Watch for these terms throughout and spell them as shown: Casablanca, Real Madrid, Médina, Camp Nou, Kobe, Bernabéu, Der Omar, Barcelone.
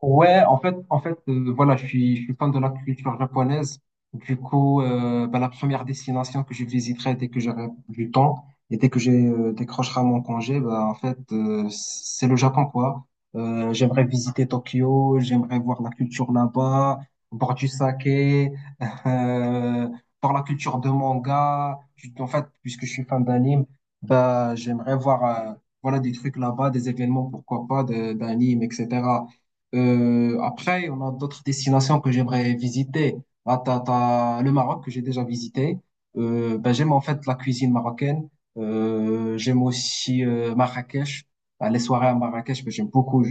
Ouais, en fait, voilà, je suis fan de la culture japonaise. Du coup, bah, la première destination que je visiterai dès que j'aurai du temps et dès que j'ai décrochera mon congé, bah, en fait, c'est le Japon, quoi. J'aimerais visiter Tokyo, j'aimerais voir la culture là-bas, boire du saké, euh, voir la culture de manga. En fait, puisque je suis fan d'anime, bah, j'aimerais voir, voilà, des trucs là-bas, des événements, pourquoi pas, d'anime, etc. Après, on a d'autres destinations que j'aimerais visiter. Ah, t'as le Maroc que j'ai déjà visité. Ben, j'aime en fait la cuisine marocaine. J'aime aussi Marrakech. Ah, les soirées à Marrakech, ben, j'aime beaucoup.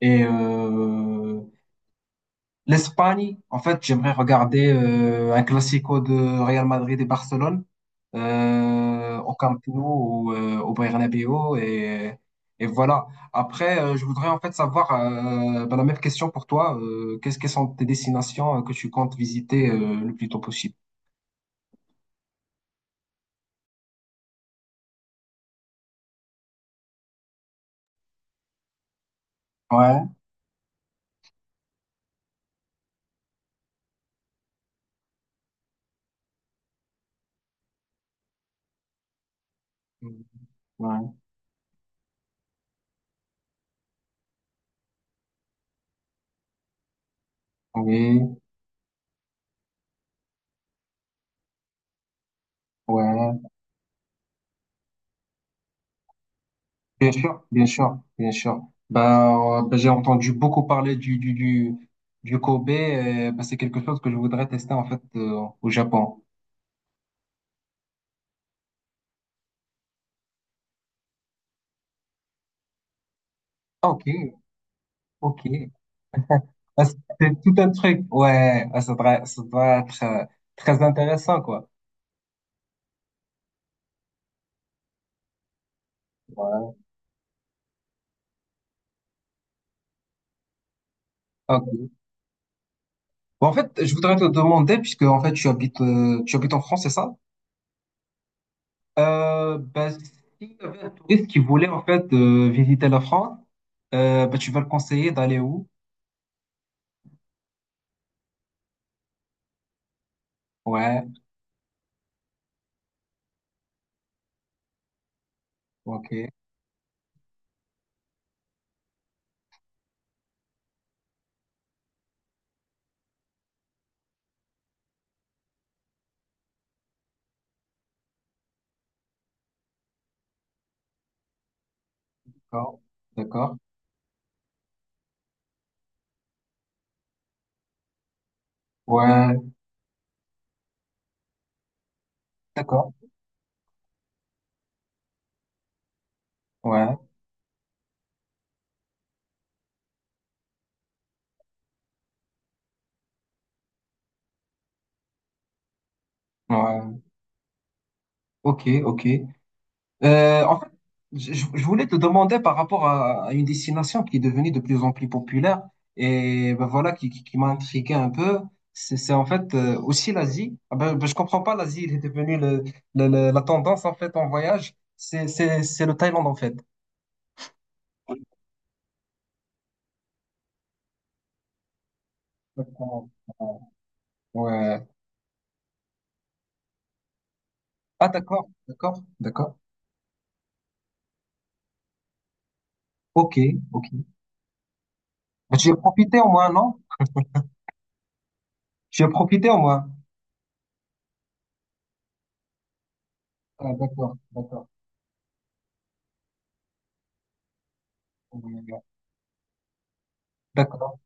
Et l'Espagne, en fait, j'aimerais regarder un classico de Real Madrid et Barcelone au Camp Nou ou au Bernabéu, et voilà. Après, je voudrais en fait savoir ben, la même question pour toi. Qu'est-ce que sont tes destinations que tu comptes visiter le plus tôt possible? Ouais, ouais, oui, ouais. Bien sûr, bien sûr, bien sûr. Bah, bah, j'ai entendu beaucoup parler du Kobe. Bah, c'est quelque chose que je voudrais tester en fait au Japon. Ah, ok, ok. Ah, c'est tout un truc. Ouais, ah, ça doit être très intéressant, quoi. Ouais. Ok. Bon, en fait, je voudrais te demander, puisque en fait tu habites en France, c'est ça? Bah, s'il y avait un touriste qui voulait en fait visiter la France, bah, tu vas le conseiller d'aller où? Ouais, ok. D'accord, d'accord, ouais, d'accord, ouais, ouais, ok, ok. En fait, je voulais te demander par rapport à une destination qui est devenue de plus en plus populaire, et ben voilà qui m'a intrigué un peu. C'est en fait aussi l'Asie. Ah ben, je comprends pas, l'Asie il est devenu la tendance en fait en voyage. C'est le Thaïlande en fait. D'accord. Ouais. Ah, d'accord, d'accord, d'accord. Ok, ok. Ben, tu as profité au moins, non? Tu as profité au moins. Ah, d'accord, d'accord. Ouais, d'accord.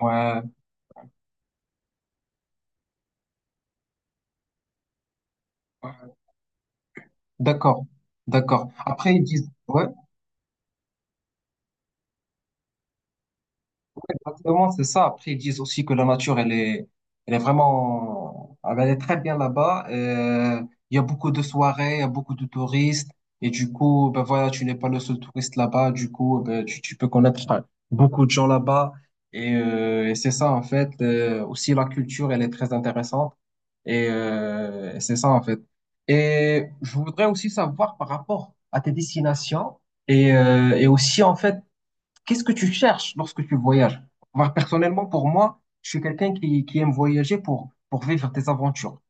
Ouais. Ouais. D'accord, d'accord. Après, ils disent, ouais. Ouais, exactement, c'est ça. Après, ils disent aussi que la nature, elle est vraiment, elle est très bien là-bas. Il y a beaucoup de soirées, il y a beaucoup de touristes. Et du coup, ben voilà, tu n'es pas le seul touriste là-bas. Du coup, ben, tu peux connaître beaucoup de gens là-bas. Et c'est ça, en fait. Aussi, la culture, elle est très intéressante. Et c'est ça, en fait. Et je voudrais aussi savoir par rapport à tes destinations et aussi, en fait, qu'est-ce que tu cherches lorsque tu voyages? Moi, personnellement, pour moi, je suis quelqu'un qui aime voyager pour vivre des aventures.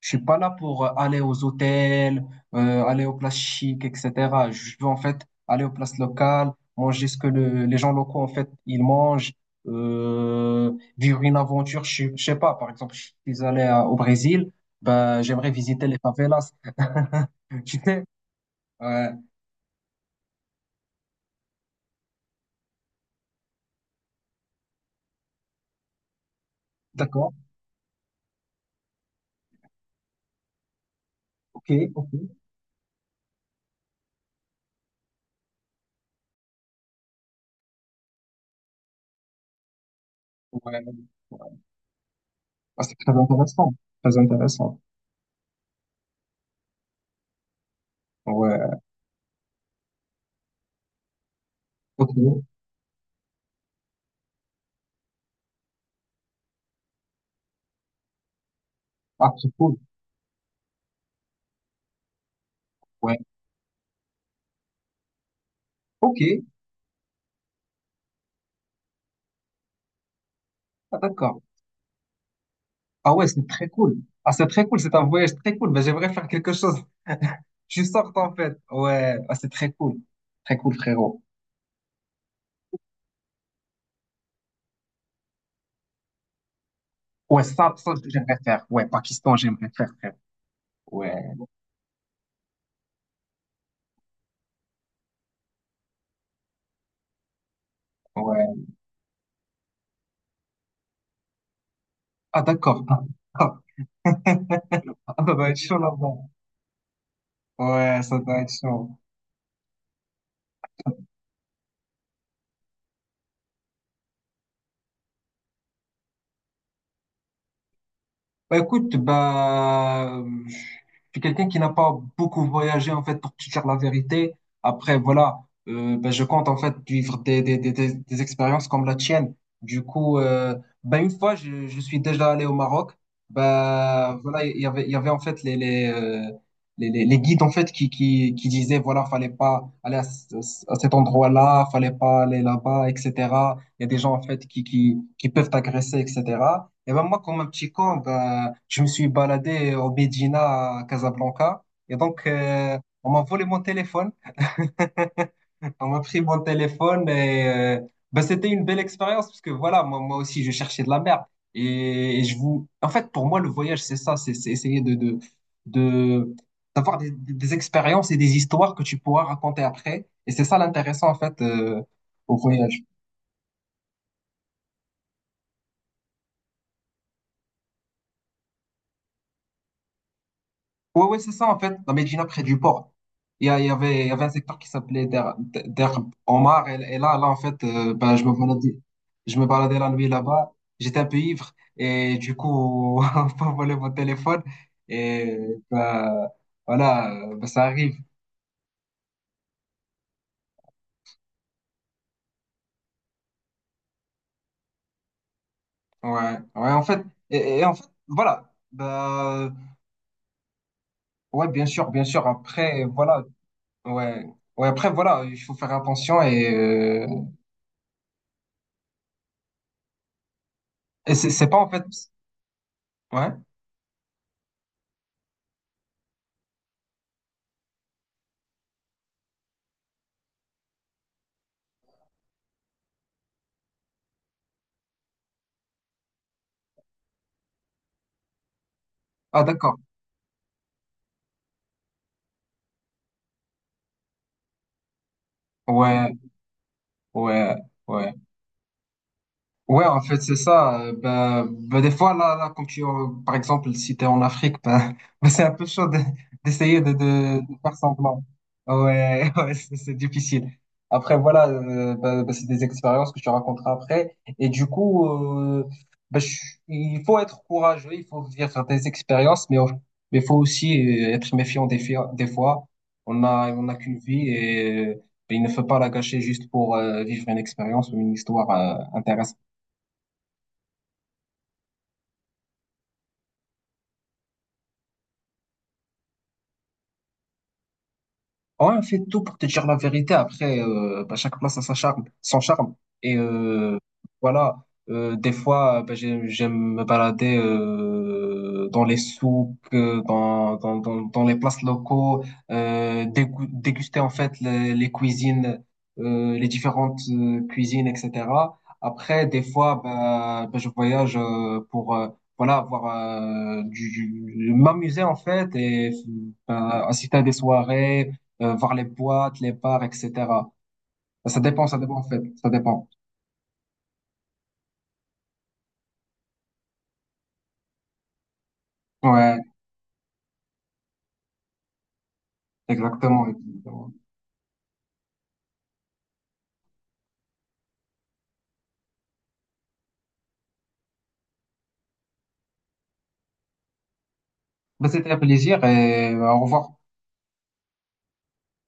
Je suis pas là pour aller aux hôtels, aller aux places chics, etc. Je veux en fait aller aux places locales, manger ce que les gens locaux, en fait, ils mangent, euh, vivre une aventure. Je sais pas, par exemple, je suis allé au Brésil, ben, j'aimerais visiter les favelas. Tu sais? Ouais, d'accord, ok, ok. Ouais. Ah, c'est très intéressant, très intéressant. Ouais, ok. Ah, c'est cool. Ouais, ok. Ah, d'accord. Ah, ouais, c'est très cool. Ah, c'est très cool, c'est un voyage très cool. Mais j'aimerais faire quelque chose. Je sorte en fait. Ouais, ah, c'est très cool. Très cool, frérot. Ouais, ça, j'aimerais faire. Ouais, Pakistan, j'aimerais faire, frérot. Ouais, ouais. Ah, d'accord. Ah, ah. Ah, ça doit être chaud là-bas. Ouais, ça doit être chaud. Bah, écoute, bah, je suis quelqu'un qui n'a pas beaucoup voyagé, en fait, pour te dire la vérité. Après, voilà, bah, je compte, en fait, vivre des expériences comme la tienne. Du coup, bah, une fois, je suis déjà allé au Maroc. Bah, voilà, il y avait, en fait, les guides, en fait, qui disaient, voilà, fallait pas aller à cet endroit-là, fallait pas aller là-bas, etc. Il y a des gens, en fait, qui peuvent t'agresser, etc. Et ben moi, comme un petit con, ben, je me suis baladé au Médina, à Casablanca. Et donc, on m'a volé mon téléphone. On m'a pris mon téléphone et ben, c'était une belle expérience parce que voilà, moi, moi aussi, je cherchais de la merde. En fait, pour moi, le voyage, c'est ça, c'est essayer de, d'avoir des expériences et des histoires que tu pourras raconter après. Et c'est ça l'intéressant, en fait, au voyage. Ouais, ouais, c'est ça, en fait, la Médina près du port. Il y avait un secteur qui s'appelait Der Omar, et là, en fait, ben, je me baladais la nuit là-bas, j'étais un peu ivre, et du coup, on peut voler mon téléphone, et ben, voilà, ben, ça arrive. Ouais, ouais, en fait, et en fait, voilà, ben, ouais, bien sûr, après, voilà, ouais, ouais, après, voilà, il faut faire attention, et c'est pas, en fait, ouais, ah, d'accord. Ouais, ouais, ouais. Ouais, en fait, c'est ça. Bah, des fois, là, quand tu, par exemple, si t'es en Afrique, bah, bah, c'est un peu chaud d'essayer de faire semblant. Ouais, ouais, c'est difficile. Après, voilà, bah, c'est des expériences que tu raconteras après. Et du coup, bah, il faut être courageux, il faut vivre des expériences, mais mais il faut aussi être méfiant des fois. On n'a qu'une vie et il ne faut pas la gâcher juste pour vivre une expérience ou une histoire intéressante. Ouais, on fait tout pour te dire la vérité. Après, bah, chaque place a sa charme, son charme. Et voilà. Des fois, bah, j'aime me balader dans les souks, dans les places locaux, déguster en fait les cuisines, les différentes cuisines, etc. Après, des fois, bah, je voyage pour voilà, avoir m'amuser en fait et bah, assister à des soirées voir les boîtes, les bars, etc. Ça dépend en fait, ça dépend. Ouais, exactement, exactement. Bah, c'était un plaisir et au revoir.